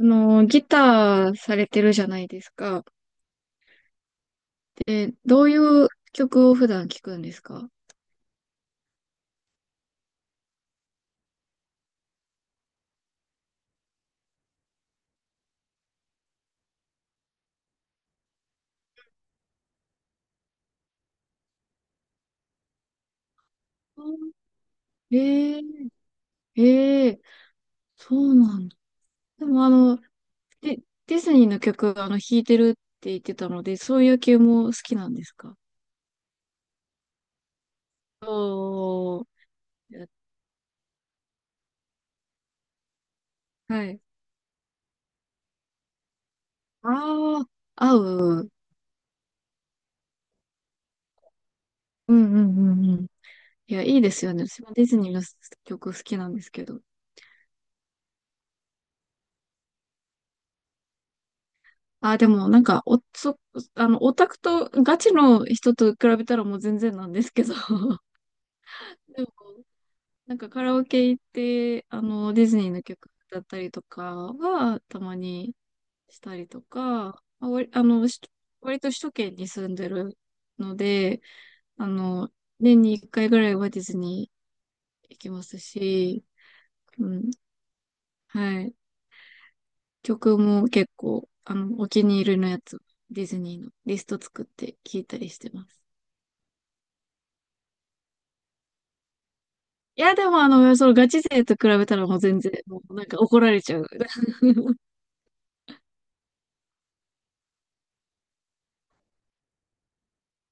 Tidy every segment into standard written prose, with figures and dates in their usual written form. ギターされてるじゃないですか。で、どういう曲を普段聴くんですか？あ、ええ、ええ。そうなんだ。でもデ、ディズニーの曲、弾いてるって言ってたので、そういう系も好きなんですか？おー。やはい。ああ、合う。うんうんうんうん。いや、いいですよね。私もディズニーの曲好きなんですけど。あ、でもなんか、お、そ、あの、オタクと、ガチの人と比べたらもう全然なんですけど、でも、なんかカラオケ行って、ディズニーの曲だったりとかは、たまにしたりとか、まあ、割あの、し割と首都圏に住んでるので、あの、年に1回ぐらいはディズニー行きますし、うん、はい。曲も結構、お気に入りのやつ、ディズニーのリスト作って聴いたりしてます。いや、でもそのガチ勢と比べたらもう全然、もうなんか怒られちゃう。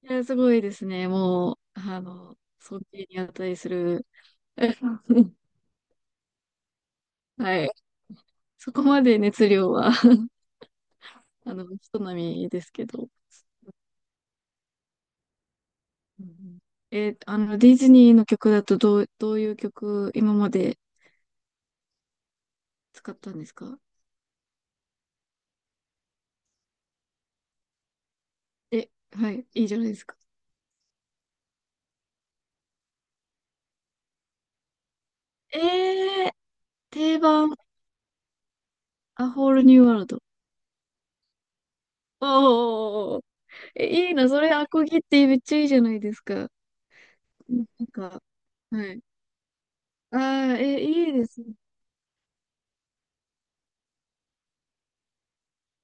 いや、すごいですね。もう、尊敬に値する。はい。そこまで熱量は 人並みですけど。うんうん。え、ディズニーの曲だとどういう曲今まで使ったんですか？え、はい、いいじゃないですか。えー、定番、A Whole New World。おー、え、いいな、それアコギってめっちゃいいじゃないですか。なんか、はい。ああ、え、いいですね。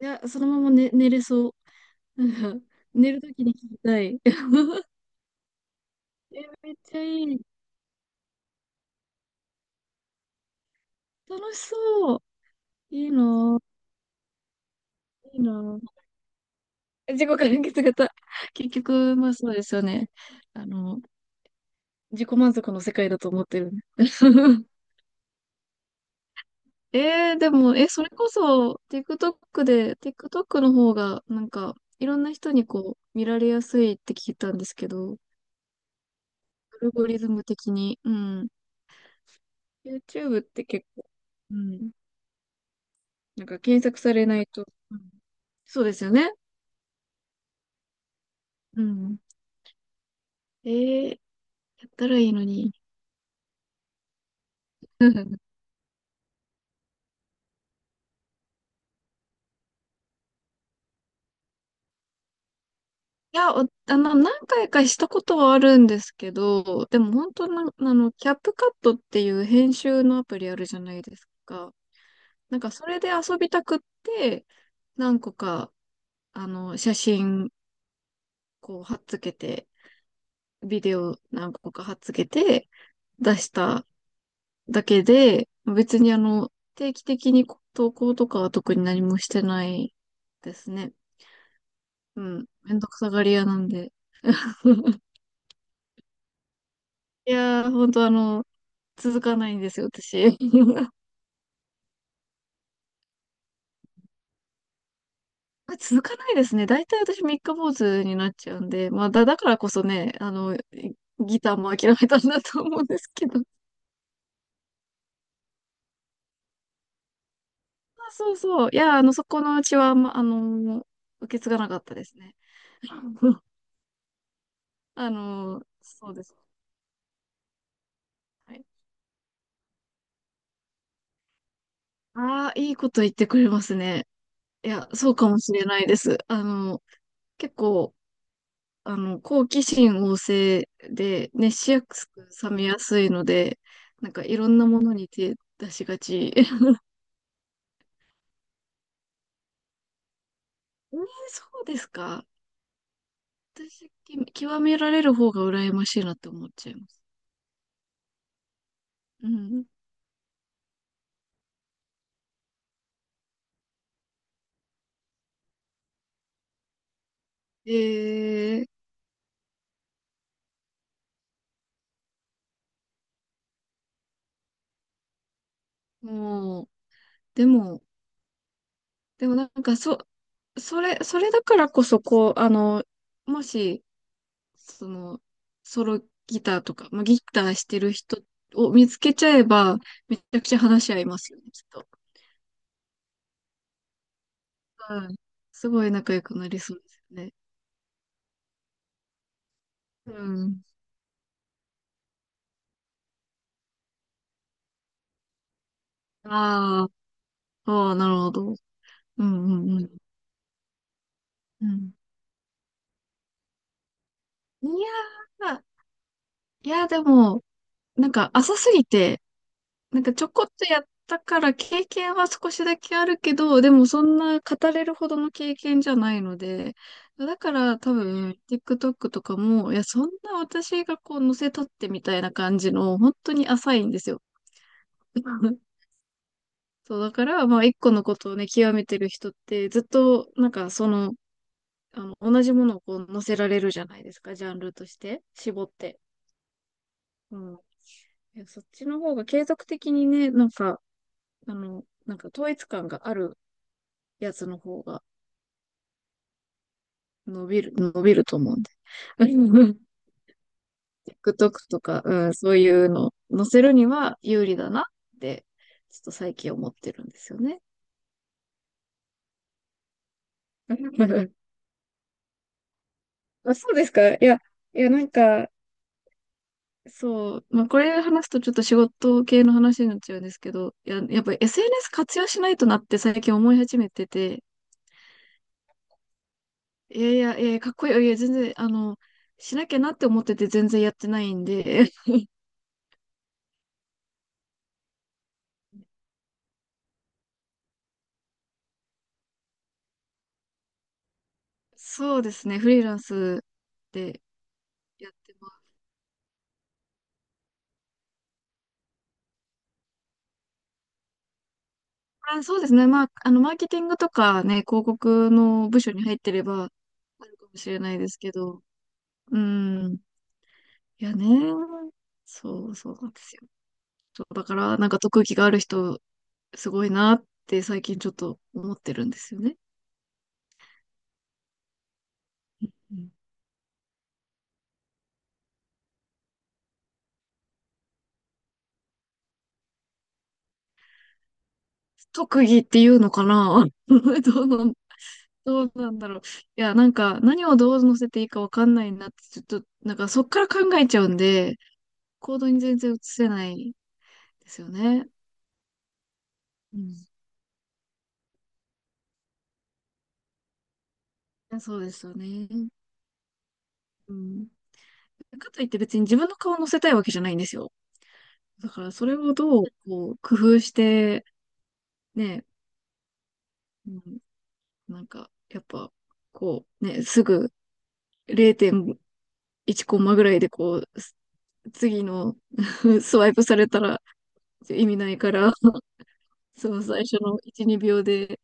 いや、そのまま寝れそう。なんか、寝るときに聞きたい。え、めっちゃいい。楽しそう。いいなあ、いいなあ。自己完結型。結局、まあそうですよね。あの、自己満足の世界だと思ってるんで。でも、え、それこそ、TikTok の方が、なんか、いろんな人にこう、見られやすいって聞いたんですけど、アルゴリズム的に。うん。YouTube って結構、うん、なんか検索されないと、うん、そうですよね。うん。えー、やったらいいのに。いうんや、おあの、何回かしたことはあるんですけど、でも本当な、キャップカットっていう編集のアプリあるじゃないですか。なんかそれで遊びたくって、何個か、写真、こう、貼っつけて、ビデオ何個か貼っつけて出しただけで、別に定期的に投稿とかは特に何もしてないですね。うん。めんどくさがり屋なんで。いやー、ほんと続かないんですよ、私。続かないですね。大体私三日坊主になっちゃうんで、まあ、だからこそね、ギターも諦めたんだと思うんですけど。あ、そうそう。いや、そこのうちは、ま、あの、受け継がなかったですね。そうです。はい。ああ、いいこと言ってくれますね。いや、そうかもしれないです。結構、好奇心旺盛でね、熱しやすく冷めやすいので、なんかいろんなものに手出しがち。えー、そうですか。私、き極められる方が羨ましいなって思っちゃいます。うん。えー、もう、でも、でもなんか、それだからこそ、こう、もし、そのソロギターとか、まあ、ギターしてる人を見つけちゃえば、めちゃくちゃ話し合いますよね、きっと。うん。すごい仲良くなりそうですね。うん。ああ、ああ、なるほど。うんうんうん。うん。いやー、いやーでも、なんか浅すぎて、なんかちょこっとやったから経験は少しだけあるけど、でもそんな語れるほどの経験じゃないので、だから多分 TikTok とかも、いや、そんな私がこう載せたってみたいな感じの、本当に浅いんですよ。そう、だから、まあ一個のことをね、極めてる人ってずっと、なんかその、同じものをこう載せられるじゃないですか、ジャンルとして、絞って。うん。いや、そっちの方が継続的にね、なんか、なんか統一感があるやつの方が伸びると思うんで。TikTok とか、うん、そういうの載せるには有利だなって、ちょっと最近思ってるんですよね。あ、そうですか。いや、いや、なんか、そう、まあ、これ話すとちょっと仕事系の話になっちゃうんですけど、やっぱり SNS 活用しないとなって最近思い始めてて、いやいや、いや、かっこいい。いや、全然、しなきゃなって思ってて全然やってないんで、そうですね、フリーランスでやってます。あ、そうですね。まあ、マーケティングとかね、広告の部署に入ってれば、あるかもしれないですけど。うん。いやね。そう、そうなんですよ。そう、だから、なんか特技がある人、すごいなって最近ちょっと思ってるんですよね。うん。特技っていうのかな。 どうなんだろう。いや、なんか、何をどう乗せていいかわかんないなって、ちょっと、なんかそっから考えちゃうんで、行動に全然移せないですよね。うん、そうですよね。うん。かといって別に自分の顔を乗せたいわけじゃないんですよ。だからそれをどう、こう、工夫して、ね、うん、なんか、やっぱ、こう、ね、すぐ0.1コンマぐらいで、こう、次の スワイプされたら意味ないから、その最初の1、2秒で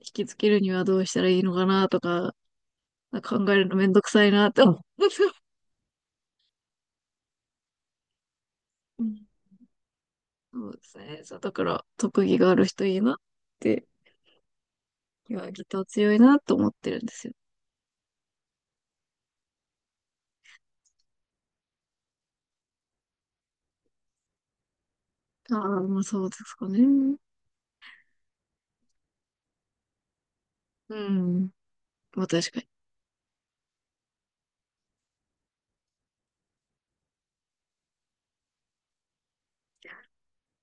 引きつけるにはどうしたらいいのかなとか、考えるのめんどくさいなって思う。うん、そうですね。そう、だから、特技がある人いいなって、いや、ギター強いなと思ってるんですよ。ああ、まあそうですかね。うん。まあ確かに。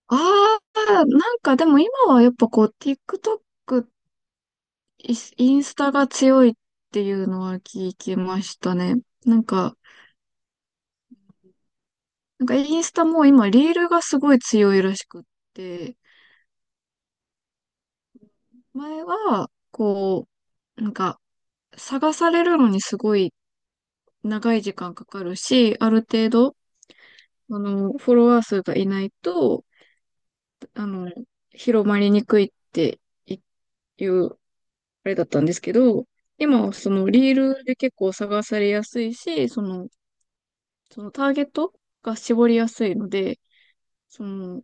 ああ、なんかでも今はやっぱこう、TikTok、イインスタが強いっていうのは聞きましたね。なんか、なんかインスタも今、リールがすごい強いらしくって、前は、こう、なんか、探されるのにすごい長い時間かかるし、ある程度、フォロワー数がいないと、あの、広まりにくいっていう、あれだったんですけど、今はそのリールで結構探されやすいし、そのターゲットが絞りやすいので、その、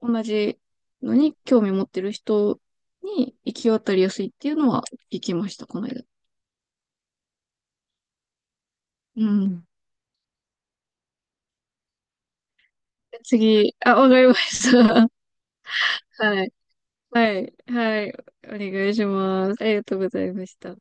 同じのに興味持ってる人に行き渡りやすいっていうのは聞きました、この間。うん。次、あ、わかりました。はい。はい。はい。お願いします。ありがとうございました。